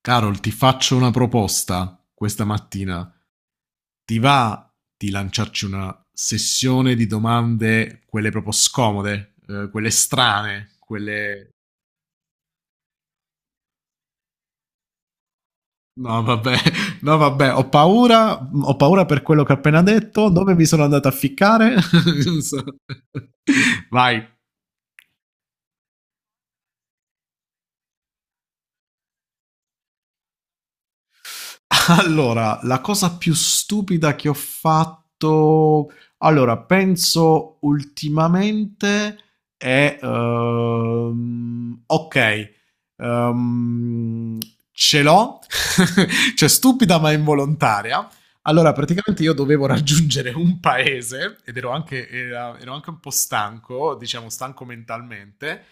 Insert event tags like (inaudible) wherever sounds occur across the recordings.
Carol, ti faccio una proposta questa mattina. Ti va di lanciarci una sessione di domande, quelle proprio scomode, quelle strane, quelle. No, vabbè, (laughs) no, vabbè, ho paura per quello che ho appena detto, dove mi sono andato a ficcare? (laughs) Non so. Vai. Allora, la cosa più stupida che ho fatto, allora, penso ultimamente è, ok, ehm, ce l'ho, (laughs) cioè stupida ma involontaria. Allora, praticamente io dovevo raggiungere un paese ed ero anche, ero anche un po' stanco, diciamo stanco mentalmente,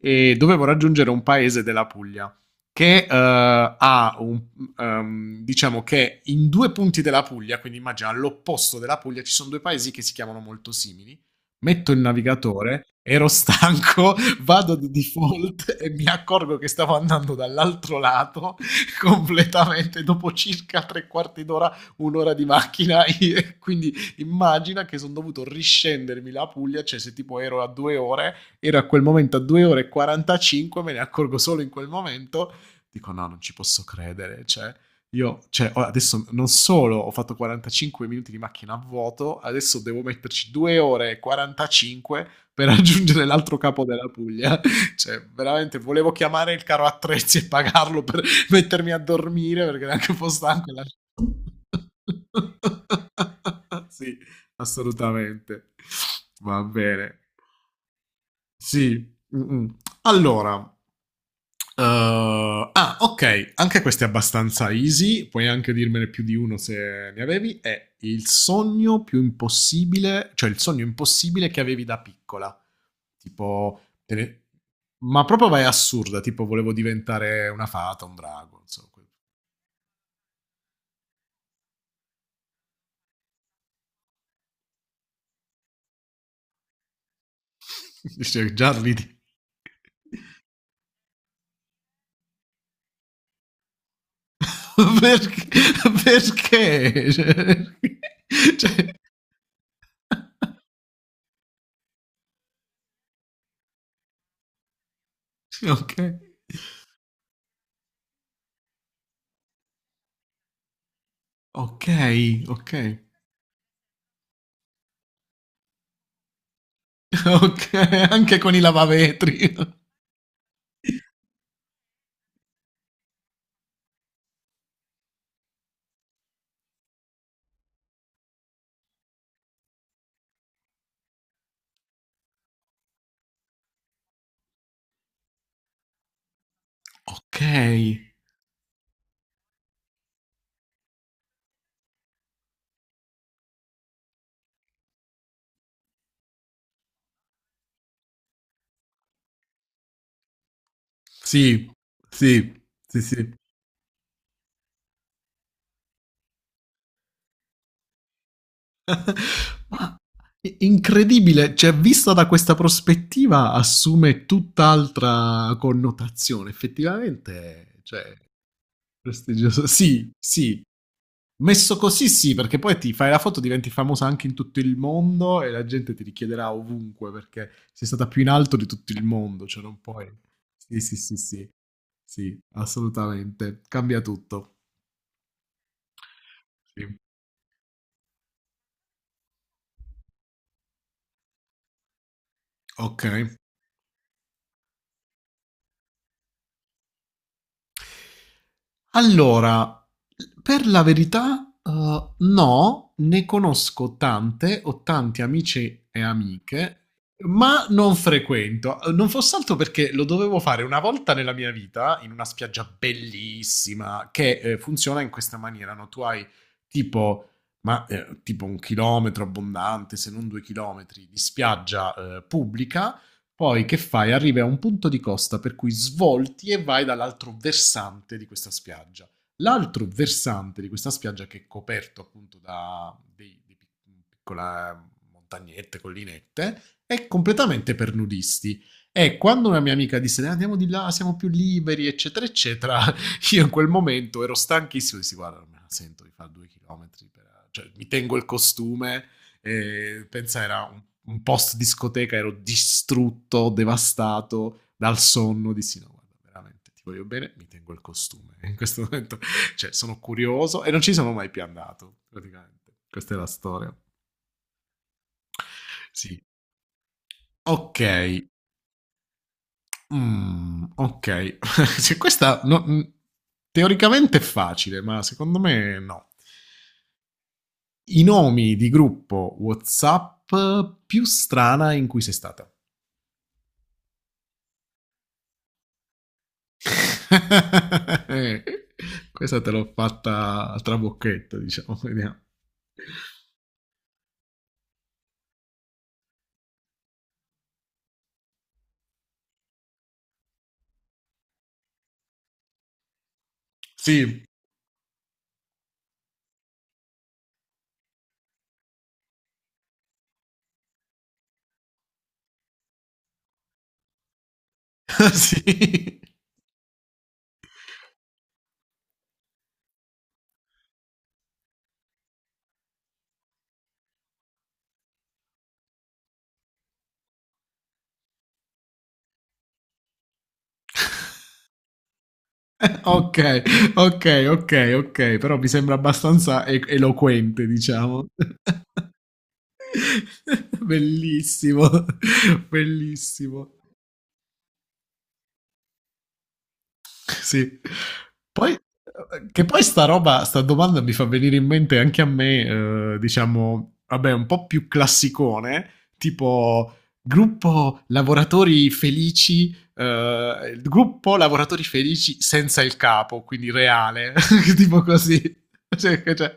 e dovevo raggiungere un paese della Puglia che ha un, diciamo che in due punti della Puglia, quindi immagina all'opposto della Puglia, ci sono due paesi che si chiamano molto simili. Metto il navigatore, ero (laughs) stanco, vado di default e mi accorgo che stavo andando dall'altro lato (laughs) completamente dopo circa tre quarti d'ora, un'ora di macchina. (laughs) Quindi immagina che sono dovuto riscendermi la Puglia, cioè se tipo ero a 2 ore, ero a quel momento a 2 ore e 45. Me ne accorgo solo in quel momento, dico no, non ci posso credere, cioè io, cioè, ora, adesso non solo ho fatto 45 minuti di macchina a vuoto, adesso devo metterci 2 ore e 45 per (laughs) raggiungere l'altro capo della Puglia. (laughs) Cioè, veramente volevo chiamare il caro attrezzi e pagarlo per (laughs) mettermi a dormire perché era anche un po' stanco. (laughs) Sì, assolutamente. Va bene. Sì. Mm, mm. Allora, Uh, ah, ok, anche questo è abbastanza easy, puoi anche dirmene più di uno se ne avevi, è il sogno più impossibile, cioè il sogno impossibile che avevi da piccola. Tipo, ma proprio vai assurda, tipo volevo diventare una fata, un drago, insomma. (laughs) Cioè, già ridi. (laughs) Perché? Perché? Cioè, (laughs) cioè- (laughs) ok, ok, ok. (laughs) Ok, anche con i lavavetri. (laughs) Ok. Sì, sì, sì, sì. Ma incredibile, cioè vista da questa prospettiva assume tutt'altra connotazione, effettivamente, cioè prestigioso. Sì, sì. Messo così sì, perché poi ti fai la foto, diventi famosa anche in tutto il mondo e la gente ti richiederà ovunque perché sei stata più in alto di tutto il mondo, cioè non puoi. Sì, sì, sì, sì. Sì, assolutamente. Cambia tutto. Sì. Ok. Allora, per la verità, no, ne conosco tante, ho tanti amici e amiche, ma non frequento. Non fosse altro perché lo dovevo fare una volta nella mia vita in una spiaggia bellissima che, funziona in questa maniera. No, tu hai tipo tipo 1 chilometro abbondante, se non 2 chilometri di spiaggia pubblica. Poi che fai? Arrivi a un punto di costa per cui svolti e vai dall'altro versante di questa spiaggia. L'altro versante di questa spiaggia, che è coperto appunto da dei piccole montagnette, collinette, è completamente per nudisti. E quando una mia amica disse: andiamo di là, siamo più liberi, eccetera, eccetera", (laughs) io in quel momento ero stanchissimo, dissi guarda, non me la sento di fare 2 chilometri, cioè mi tengo il costume. E, pensa, era un, post discoteca, ero distrutto, devastato dal sonno. Dissi no, guarda, veramente ti voglio bene, mi tengo il costume. (laughs) In questo momento, cioè, sono curioso e non ci sono mai più andato, praticamente. Questa è la storia. Sì. Ok. Mm, ok. (laughs) Se questa no, teoricamente è facile, ma secondo me no. I nomi di gruppo WhatsApp più strana in cui sei stata. (laughs) Questa te l'ho fatta a trabocchetto, diciamo, vediamo. Sì, (laughs) sì. (laughs) Ok, ok, ok, ok, però mi sembra abbastanza eloquente, diciamo. (laughs) Bellissimo, (laughs) bellissimo. Sì. Poi, che poi sta roba, sta domanda mi fa venire in mente anche a me, diciamo, vabbè, un po' più classicone, tipo gruppo lavoratori felici, il gruppo lavoratori felici senza il capo, quindi reale, (laughs) tipo così. Cioè,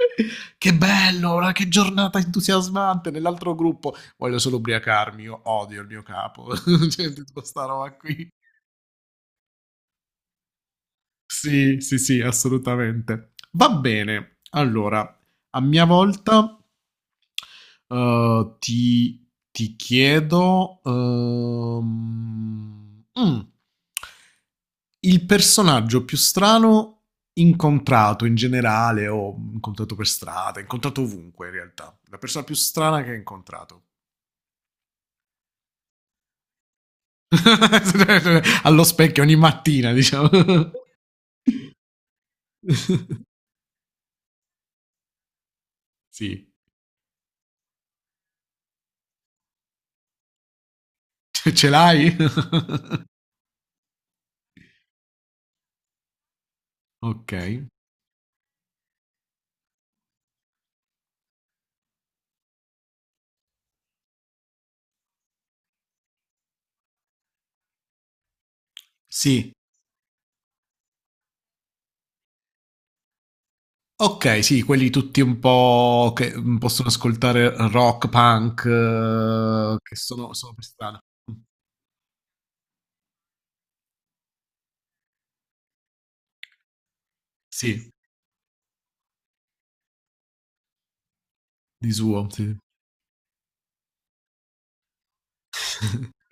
che bello, ora che giornata entusiasmante nell'altro gruppo. Voglio solo ubriacarmi, io odio il mio capo. (laughs) Cioè, tutta sta roba qui. Sì, sì, sì, assolutamente. Va bene. Allora, a mia volta, ti chiedo, il personaggio più strano incontrato in generale, o incontrato per strada, incontrato ovunque in realtà. La persona più strana che hai incontrato. (laughs) Allo specchio ogni mattina, diciamo. (laughs) Sì, ce l'hai? (laughs) Ok. Sì. Ok, sì, quelli tutti un po' che possono ascoltare rock, punk, che sono per strada. Sì, di suo, sì. (laughs)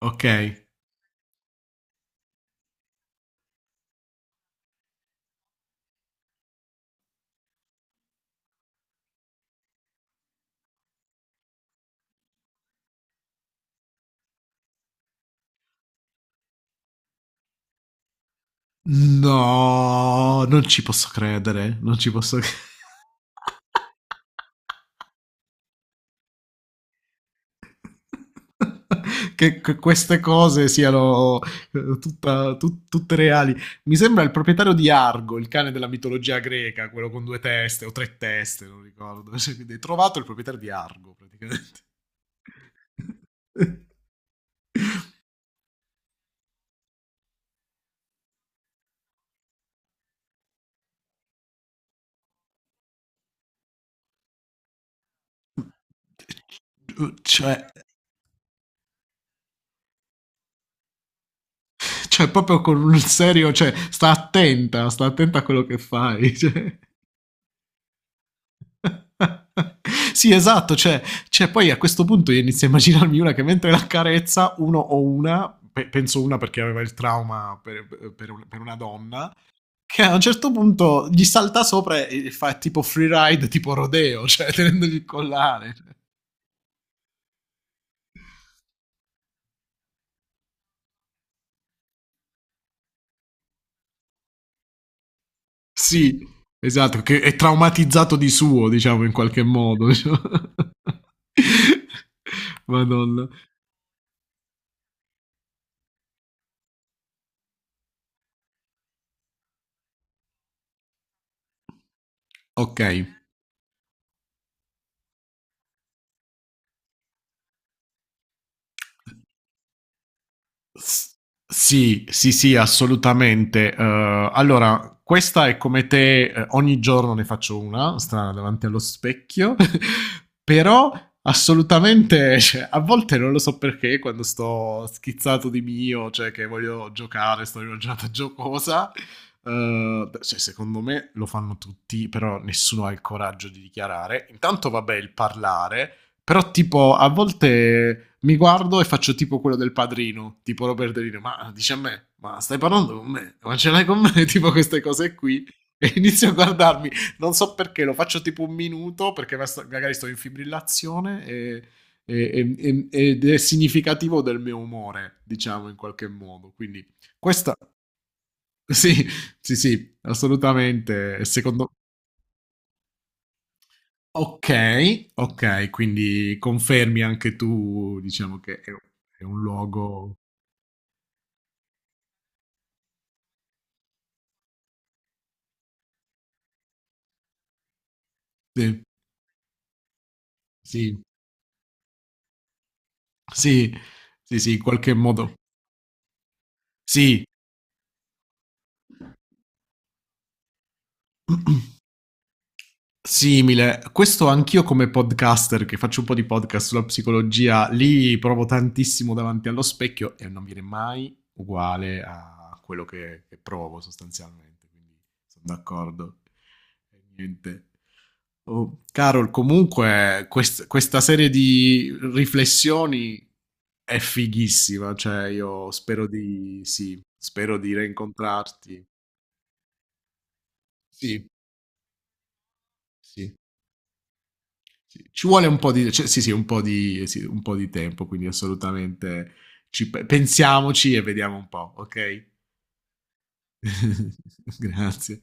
Ok. No, non ci posso credere, non ci posso credere. (laughs) Che queste cose siano tutte reali. Mi sembra il proprietario di Argo, il cane della mitologia greca, quello con due teste o tre teste, non ricordo. (laughs) Cioè, quindi hai trovato il proprietario di Argo, praticamente. Cioè, cioè, proprio con un serio, cioè, sta attenta a quello che fai. Cioè. (laughs) Sì, esatto, cioè, poi a questo punto io inizio a immaginarmi una che mentre la carezza, uno o una, penso una perché aveva il trauma per, per una donna, che a un certo punto gli salta sopra e fa tipo free ride, tipo rodeo, cioè (laughs) tenendogli il collare. Cioè. Sì, esatto, che è traumatizzato di suo, diciamo, in qualche modo. Diciamo. (laughs) Madonna. Ok. S- Sì, sì, sì, assolutamente. Allora, questa è come te, ogni giorno ne faccio una, strana, davanti allo specchio, (laughs) però assolutamente, cioè, a volte non lo so perché, quando sto schizzato di mio, cioè che voglio giocare, sto in una giornata giocosa, cioè, secondo me lo fanno tutti, però nessuno ha il coraggio di dichiarare. Intanto, vabbè, il parlare. Però tipo a volte mi guardo e faccio tipo quello del padrino, tipo Robert De Niro, ma dice a me, ma stai parlando con me, ma ce l'hai con me, (laughs) tipo queste cose qui. E inizio a guardarmi, non so perché, lo faccio tipo un minuto perché magari sto in fibrillazione e- ed è significativo del mio umore, diciamo in qualche modo. Quindi questa, (laughs) sì, sì, sì, assolutamente, secondo. Okay, okay, quindi confermi anche tu, diciamo che è un luogo, sì, sì, sì, sì, sì, in qualche modo, sì. Simile, questo anch'io come podcaster che faccio un po' di podcast sulla psicologia, lì provo tantissimo davanti allo specchio e non viene mai uguale a quello che provo sostanzialmente, quindi sono d'accordo. E niente. Oh, Carol, comunque questa serie di riflessioni è fighissima, cioè io spero di sì, spero di reincontrarti. Sì, sì. Sì, ci vuole un po' di, cioè, sì, sì, un po' di, sì, un po' di tempo, quindi assolutamente ci pensiamoci e vediamo un po', ok? (laughs) Grazie.